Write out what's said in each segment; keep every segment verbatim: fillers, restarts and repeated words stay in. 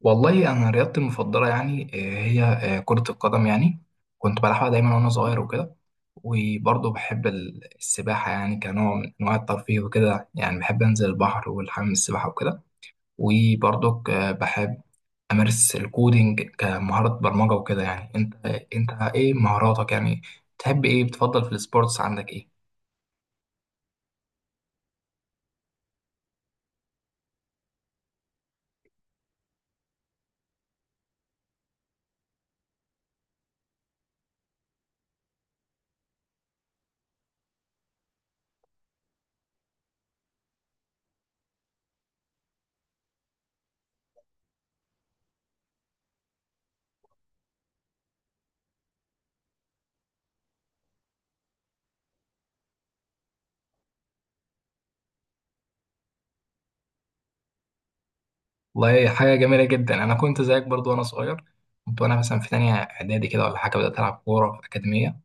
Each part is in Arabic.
والله انا رياضتي المفضله يعني آه، هي آه، كره القدم يعني كنت بلعبها دايما وانا صغير وكده. وبرضه بحب ال- السباحه يعني كنوع من انواع الترفيه وكده، يعني بحب انزل البحر والحمام السباحه وكده. وبرضه ك- بحب امارس الكودينج كمهاره برمجه وكده. يعني انت انت ايه مهاراتك يعني؟ تحب ايه؟ بتفضل في السبورتس؟ عندك ايه؟ والله حاجه جميله جدا، انا كنت زيك برضه وانا صغير. كنت وانا مثلا في تانية اعدادي كده ولا حاجه بدات العب كوره في اكاديميه،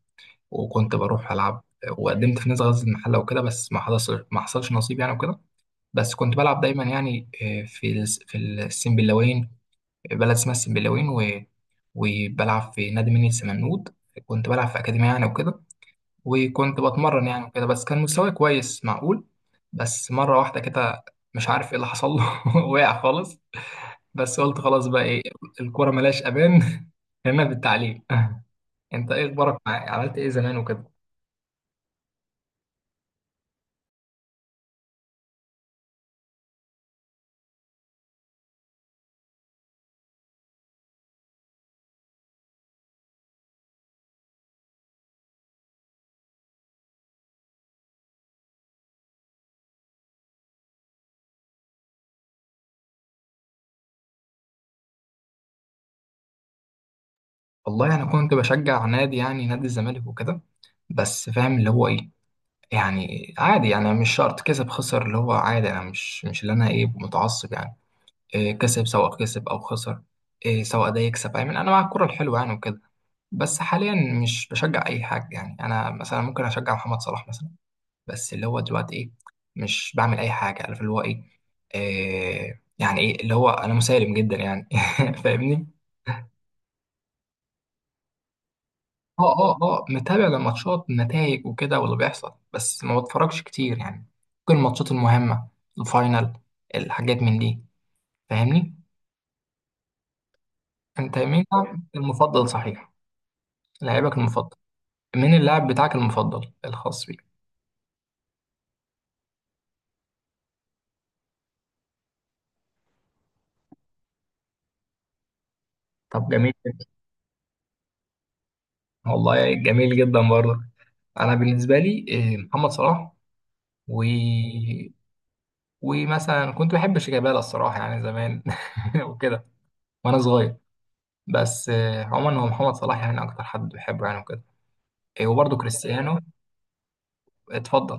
وكنت بروح العب، وقدمت في نادي غزل المحله وكده، بس ما حصلش ما حصلش نصيب يعني وكده. بس كنت بلعب دايما يعني، آه، في الس- في السنبلاوين، بلد اسمها السنبلاوين، و... وبلعب في نادي مني السمنود. كنت بلعب في اكاديميه يعني وكده، وكنت بتمرن يعني وكده، بس كان مستواي كويس معقول. بس مره واحده كده، مش عارف ايه اللي حصل له وقع خالص. بس قلت خلاص، بقى ايه، الكوره ملهاش امان هنا في التعليم انت ايه اخبارك؟ مع عملت ايه زمان وكده؟ والله انا كنت بشجع نادي، يعني نادي الزمالك وكده، بس فاهم اللي هو ايه. يعني عادي يعني، مش شرط كسب خسر اللي هو عادي، انا مش مش اللي انا ايه متعصب يعني. إيه، كسب، سواء كسب او خسر، إيه سواء ده يكسب، يعني انا مع الكرة الحلوة يعني وكده. بس حاليا مش بشجع اي حاجة. يعني انا مثلا ممكن اشجع محمد صلاح مثلا، بس اللي هو دلوقتي ايه، مش بعمل اي حاجة، عارف اللي هو ايه، إيه يعني، ايه اللي هو انا مسالم جدا يعني فاهمني. اه، اه، اه، متابع للماتشات، النتائج وكده واللي بيحصل، بس ما بتفرجش كتير يعني. ممكن الماتشات المهمة، الفاينل، الحاجات من دي. فاهمني؟ انت مين لاعبك المفضل صحيح؟ لاعبك المفضل، مين اللاعب بتاعك المفضل الخاص بيك؟ طب جميل جدا. والله جميل جدا برضه. انا بالنسبة لي إيه، محمد صلاح، و ومثلا كنت بحب شيكابالا الصراحة يعني زمان وكده، وانا صغير. بس آه، عموما هو محمد صلاح يعني اكتر حد بحبه يعني وكده. إيه، وبرضه كريستيانو. اتفضل.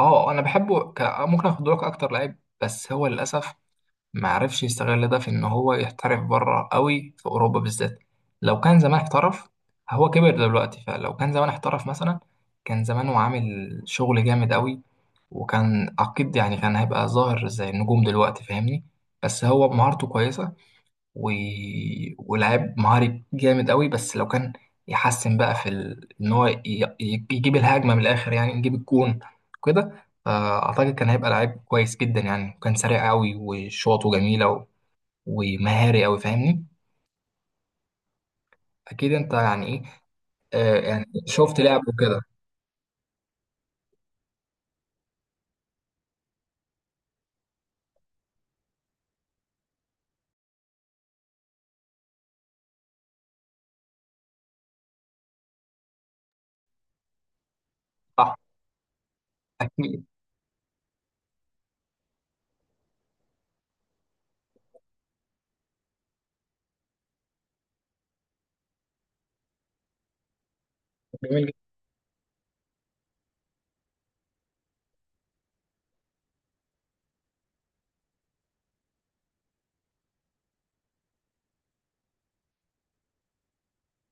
اه انا بحبه ك... ممكن اخد لك اكتر لعيب، بس هو للاسف ما عرفش يستغل ده في ان هو يحترف بره قوي، في اوروبا بالذات. لو كان زمان احترف، هو كبر دلوقتي، فلو كان زمان احترف مثلا كان زمانه عامل شغل جامد قوي، وكان اكيد يعني كان هيبقى ظاهر زي النجوم دلوقتي، فاهمني. بس هو مهارته كويسة، و... ولاعيب مهاري جامد قوي، بس لو كان يحسن بقى في ال... ان هو ي... ي- يجيب الهجمه من الاخر يعني، يجيب الجون كده، فاعتقد كان هيبقى لعيب كويس جدا يعني، وكان سريع قوي وشوطه جميله، و... ومهاري قوي فاهمني. اكيد انت يعني ايه، آه يعني شفت لعبه كده. صح، اكيد. جميل جدا.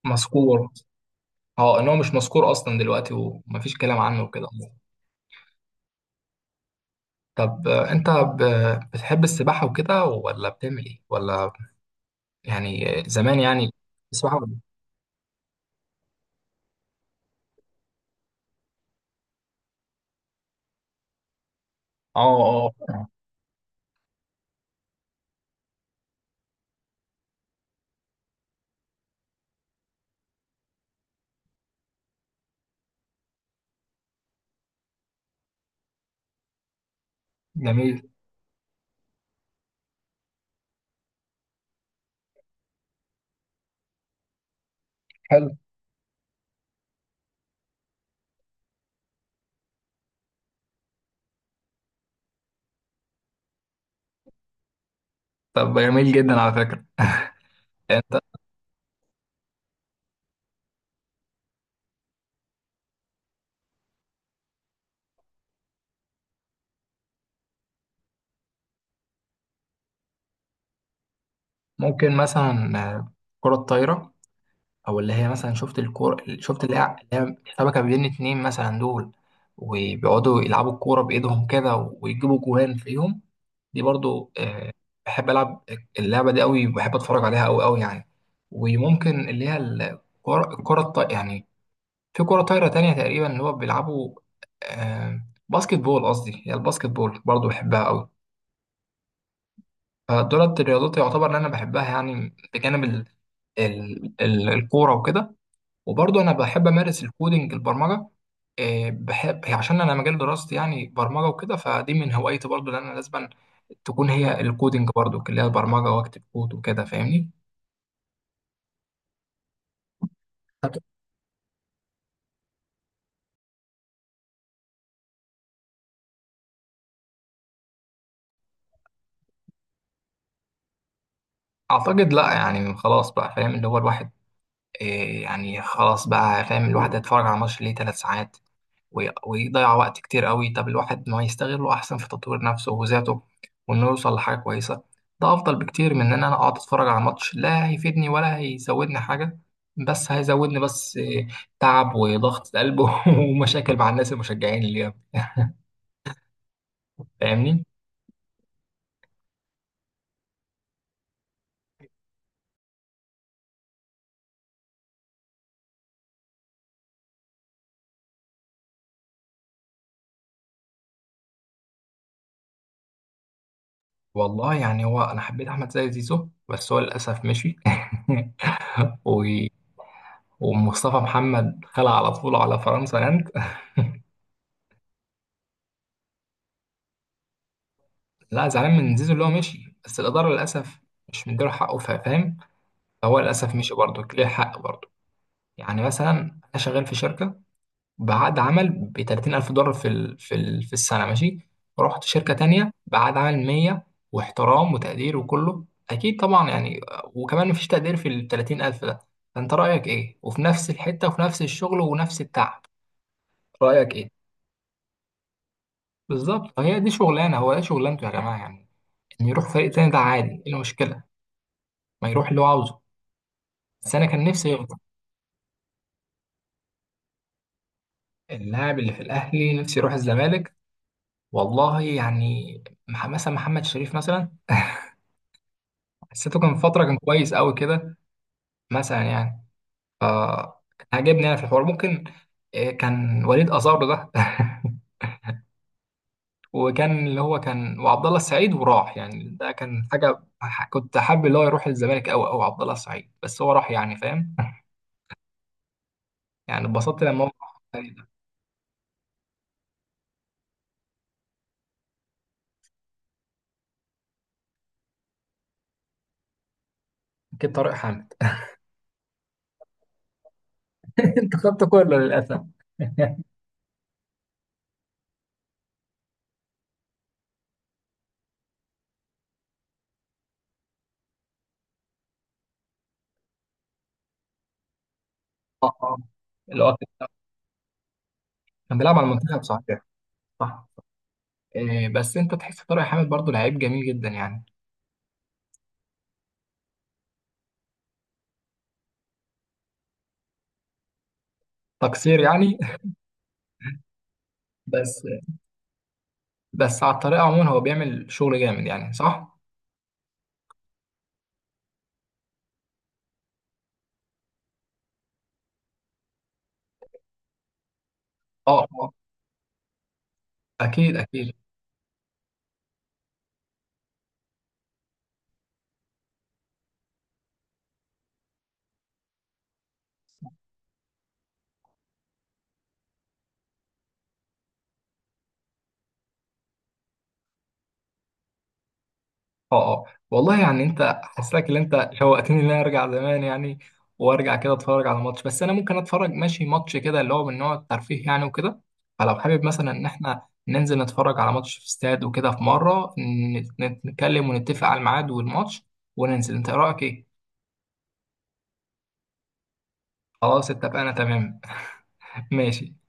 مذكور. اه، ان هو مش مذكور اصلا دلوقتي، ومفيش كلام عنه وكده. طب آه، انت ب... بتحب السباحه وكده، ولا بتعمل ايه ولا؟ يعني زمان يعني. تسمعه. اه، اه، آه، جميل. حلو. طب جميل جدا على فكرة. انت ممكن مثلا آه، الكرة الطايرة، او اللي هي مثلا شفت الكورة، شفت اللي هي، اللي هي شبكة بين اتنين مثلا دول، وبيقعدوا يلعبوا الكورة بإيدهم كده ويجيبوا جوان فيهم. دي برضو آه، بحب ألعب اللعبة دي قوي، وبحب أتفرج عليها قوي قوي يعني. وممكن اللي هي الكرة، الكرة الط- يعني، في كرة طايرة تانية تقريبا، اللي هو بيلعبوا آه، باسكت بول، قصدي هي الباسكت بول برضه بحبها قوي. فدولت الرياضات يعتبر ان انا بحبها يعني، بجانب ال... ال... ال... الكورة وكده. وبرضه انا بحب امارس الكودينج، البرمجة. آه، بحب هي عشان انا مجال دراستي يعني برمجة وكده، فدي من هوايتي برضه اللي انا لازم تكون، هي الكودينج برضه اللي هي البرمجة، واكتب كود وكده فاهمني. اعتقد لا يعني، خلاص بقى فاهم اللي هو الواحد آه، يعني، خلاص بقى فاهم الواحد هيتفرج على ماتش ليه ثلاث ساعات، وي- ويضيع وقت كتير قوي. طب الواحد ما يستغله احسن في تطوير نفسه وذاته، وانه يوصل لحاجه كويسه. ده افضل بكتير من ان انا اقعد اتفرج على ماتش لا هيفيدني ولا هيزودني حاجه، بس هيزودني بس إيه، تعب وضغط قلب ومشاكل مع الناس المشجعين اللي جنبي. فاهمني. والله يعني هو انا حبيت احمد زي زيزو، بس هو للاسف مشي و... ومصطفى محمد خلع على طول على فرنسا انت لا زعلان من زيزو اللي هو مشي، بس الإدارة للأسف مش مديله حقه، فا- فاهم. فهو للأسف مشي برضه، ليه حق برضه. يعني مثلا، أنا شغال في شركة بعقد عمل ب ثلاثين ألف دولار في ال... في ال... في السنة، ماشي. رحت شركة تانية بعقد عمل مية، واحترام وتقدير وكله، أكيد طبعا يعني. وكمان مفيش تقدير في ال ثلاثين ألف ده، فأنت رأيك إيه؟ وفي نفس الحتة وفي نفس الشغل ونفس التعب، رأيك إيه؟ بالظبط، هي دي شغلانة، هو ده شغلانته يا جماعة يعني. إن يروح فريق تاني ده عادي، إيه المشكلة؟ ما يروح اللي هو عاوزه. بس انا كان نفسي يفضل. اللاعب اللي في الاهلي نفسي يروح الزمالك. والله يعني مح- مثلا محمد شريف مثلا، حسيته كان فتره كان كويس قوي كده، مثلا يعني، ف كان عاجبني انا في الحوار. ممكن آه، كان وليد ازارو ده وكان اللي هو كان، وعبد الله السعيد وراح يعني، ده كان حاجه ح- كنت حابب اللي هو يروح الزمالك قوي قوي، عبد الله السعيد، بس هو راح يعني فاهم يعني اتبسطت لما هو راح الفريق ده. اكيد طارق حامد. انت خدت كله للاسف اه، اللي هو كده كان بيلعب على المنتخب صحيح. صح. إيه بس انت تحس طارق حامد برضو لعيب جميل جدا يعني. تقصير يعني بس، بس على الطريقه عموما هو بيعمل شغل جامد يعني. صح. اه، اه، اكيد اكيد. اه، اه. والله يعني انت حاسسك ان انت شوقتني ان انا ارجع زمان يعني، وارجع كده اتفرج على ماتش. بس انا ممكن اتفرج ماشي ماتش كده اللي هو من نوع الترفيه يعني وكده. فلو حابب مثلا ان احنا ننزل نتفرج على ماتش في استاد وكده، في مره نت- نتكلم ونتفق على الميعاد والماتش وننزل، انت إيه رايك ايه؟ خلاص، اتفقنا، تمام ماشي.